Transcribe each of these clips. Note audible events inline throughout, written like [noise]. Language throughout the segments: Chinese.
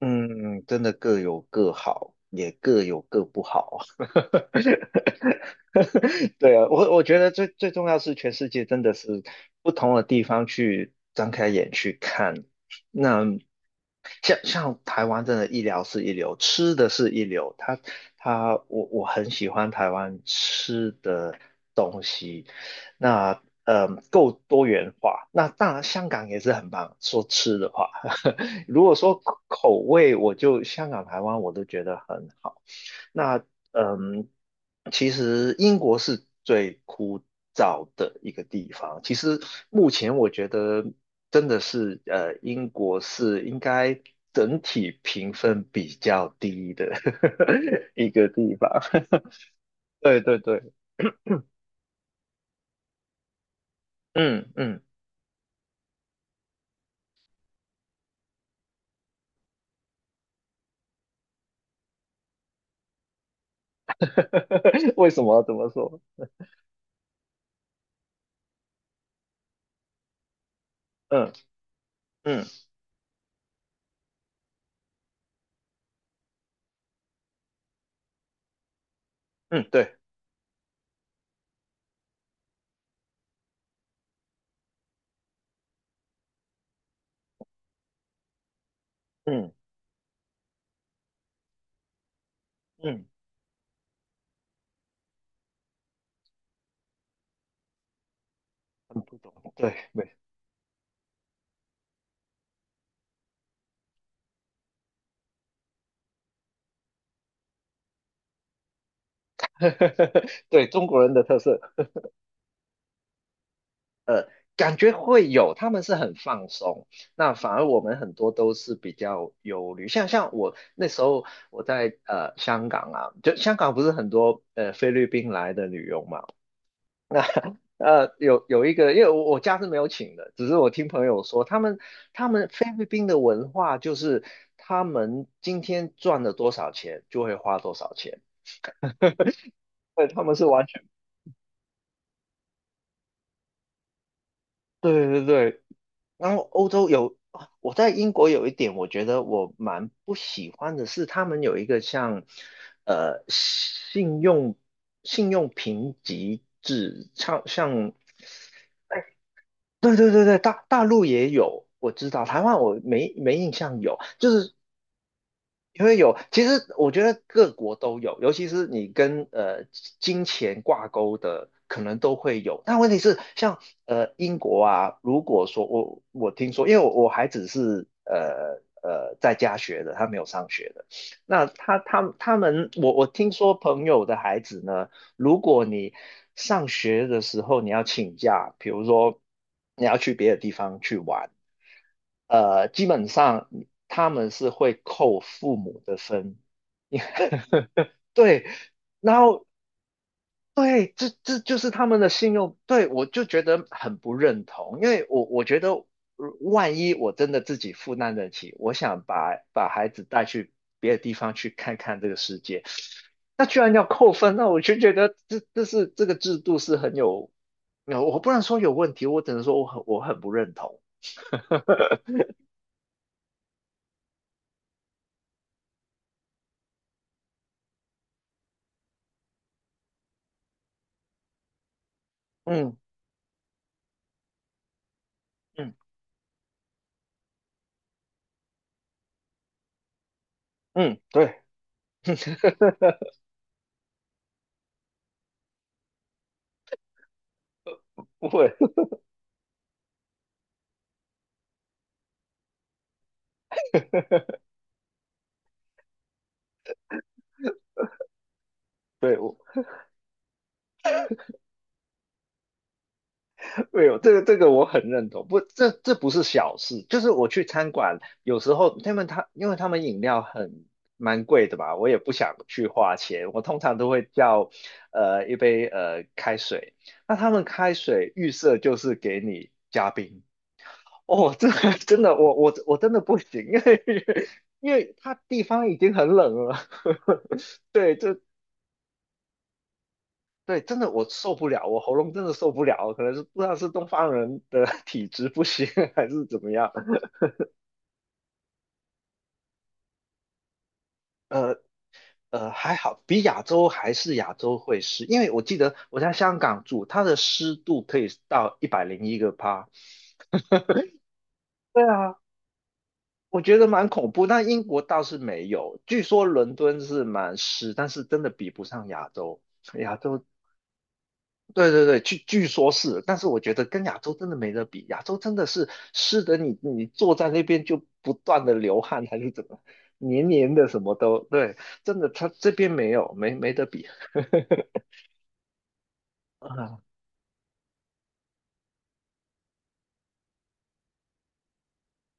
嗯，真的各有各好，也各有各不好。[laughs] 对啊，我觉得最重要是全世界真的是不同的地方去张开眼去看。那像台湾真的医疗是一流，吃的是一流，他我很喜欢台湾吃的。那够多元化。那当然香港也是很棒，说吃的话，[laughs] 如果说口味，我就香港、台湾我都觉得很好。那嗯，其实英国是最枯燥的一个地方。其实目前我觉得真的是，英国是应该整体评分比较低的 [laughs] 一个地方。[laughs] 对对对，嗯嗯，[laughs] 为什么这么说？嗯嗯嗯，对，嗯嗯，很不懂，对，没，[laughs] 对，中国人的特色感觉会有，他们是很放松，那反而我们很多都是比较忧虑，像我那时候我在香港啊，就香港不是很多菲律宾来的女佣嘛，那有一个，因为我我家是没有请的，只是我听朋友说，他们菲律宾的文化就是他们今天赚了多少钱就会花多少钱。对，他们是完全对对对。然后欧洲有，啊我在英国有一点，我觉得我蛮不喜欢的是，他们有一个像呃信用信用评级制，像对对对对，大陆也有，我知道，台湾我没印象有，就是因为有，其实我觉得各国都有，尤其是你跟金钱挂钩的，可能都会有。但问题是，像英国啊，如果说我听说，因为我还只是在家学的，他没有上学的。那他们，我听说朋友的孩子呢。如果你上学的时候你要请假，比如说你要去别的地方去玩，基本上他们是会扣父母的分。[laughs] 对，然后对，这这就是他们的信用，对，我就觉得很不认同，因为我我觉得，万一我真的自己负担得起，我想把孩子带去别的地方去看看这个世界，那居然要扣分，那我就觉得这是这个制度是很有，有我不能说有问题，我只能说我很不认同。[laughs] 嗯嗯嗯，对，[laughs] 不会。对哦，这个我很认同，不，这这不是小事，就是我去餐馆，有时候他们因为他们饮料蛮贵的吧，我也不想去花钱，我通常都会叫一杯开水，那他们开水预设就是给你加冰，哦，这个真的我真的不行，因为 [laughs] 因为他地方已经很冷了，[laughs] 对，这对，真的我受不了，我喉咙真的受不了，可能是不知道是东方人的 [laughs] 体质不行还是怎么样。呃还好，比亚洲还是亚洲会湿，因为我记得我在香港住，它的湿度可以到101个帕。对啊，我觉得蛮恐怖。那英国倒是没有，据说伦敦是蛮湿，但是真的比不上亚洲，亚洲对对对，据说是，但是我觉得跟亚洲真的没得比，亚洲真的是湿的你，你坐在那边就不断的流汗还是怎么，黏黏的什么都，对，真的他这边没有，没得比。[laughs] 啊，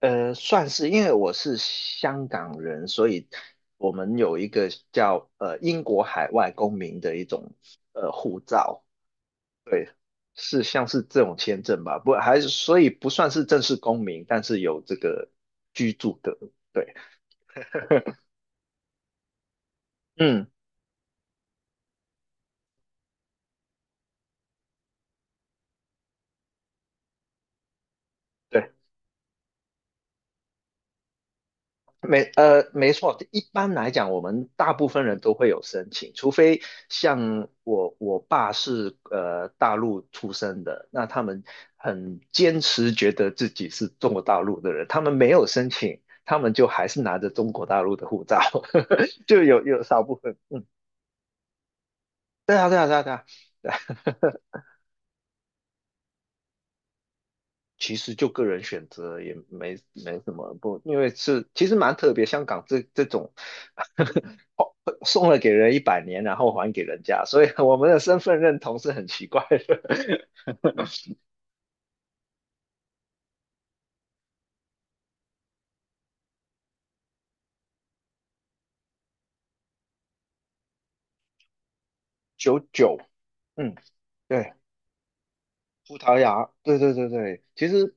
算是，因为我是香港人，所以我们有一个叫英国海外公民的一种护照，对，是像是这种签证吧，不还是所以不算是正式公民，但是有这个居住的，对，嗯，对，没错，一般来讲，我们大部分人都会有申请，除非像我爸是大陆出生的，那他们很坚持觉得自己是中国大陆的人，他们没有申请，他们就还是拿着中国大陆的护照，[laughs] 就有少部分，对啊对啊对啊对啊。其实就个人选择也没什么不，因为是其实蛮特别，香港这种 [laughs] 哦送了给人100年，然后还给人家，所以我们的身份认同是很奇怪的。[laughs] 九九，嗯，对，葡萄牙，对对对对，其实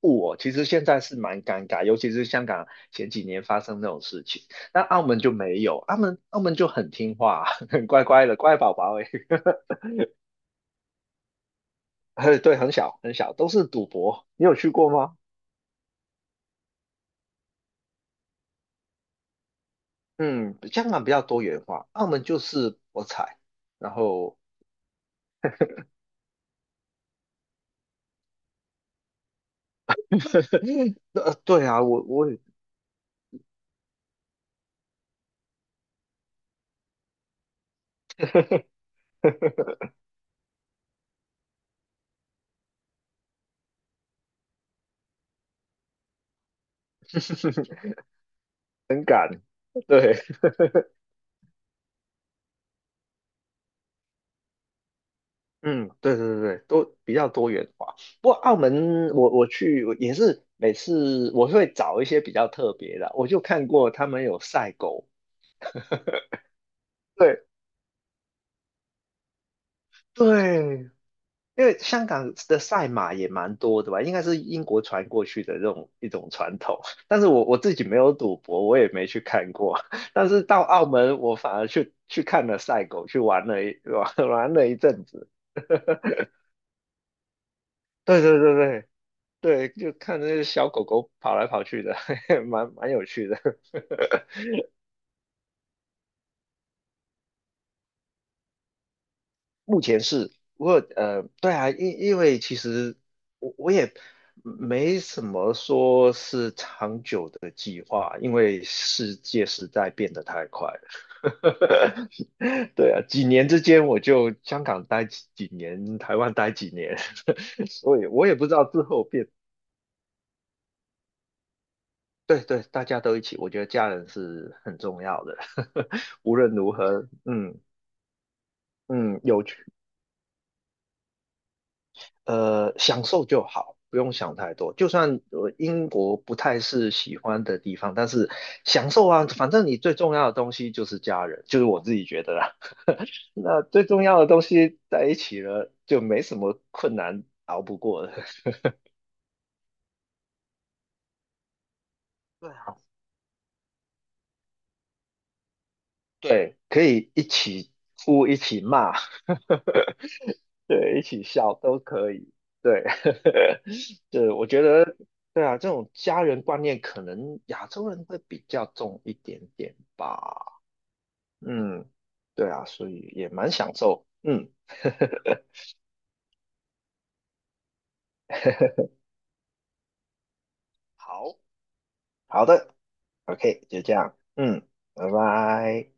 我其实现在是蛮尴尬，尤其是香港前几年发生这种事情，那澳门就没有，澳门就很听话，[laughs] 很乖乖的乖宝宝哎，[laughs] 对，很小很小，都是赌博，你有去过吗？嗯，香港比较多元化，澳门就是博彩，然后，[laughs] 对啊，我我也 [laughs] 对，嗯，对对对对，都比较多元化。不过澳门我，我去我也是每次我会找一些比较特别的，我就看过他们有赛狗，对对因为香港的赛马也蛮多的吧，应该是英国传过去的这种一种传统。但是我自己没有赌博，我也没去看过。[laughs] 但是到澳门，我反而去看了赛狗，去玩了一 [laughs] 玩一阵子。对对对对对，就看那些小狗狗跑来跑去的，[laughs] 蛮有趣的。目前是，我，对啊，因为其实我我也没什么说是长久的计划，因为世界实在变得太快了。[laughs] 对啊，几年之间我就香港待几年，台湾待几年，[laughs] 所以我也不知道之后变。对对，大家都一起，我觉得家人是很重要的，[laughs] 无论如何，嗯嗯，有趣。享受就好，不用想太多。就算英国不太是喜欢的地方，但是享受啊，反正你最重要的东西就是家人，就是我自己觉得啦。[laughs] 那最重要的东西在一起了，就没什么困难熬不过的。[laughs] 对啊，对，可以一起哭，一起骂，[laughs] 对，一起笑都可以。对，[laughs] 对，我觉得，对啊，这种家人观念可能亚洲人会比较重一点点吧。嗯，对啊，所以也蛮享受。嗯，[laughs] 好。好的，OK，就这样。嗯，拜拜。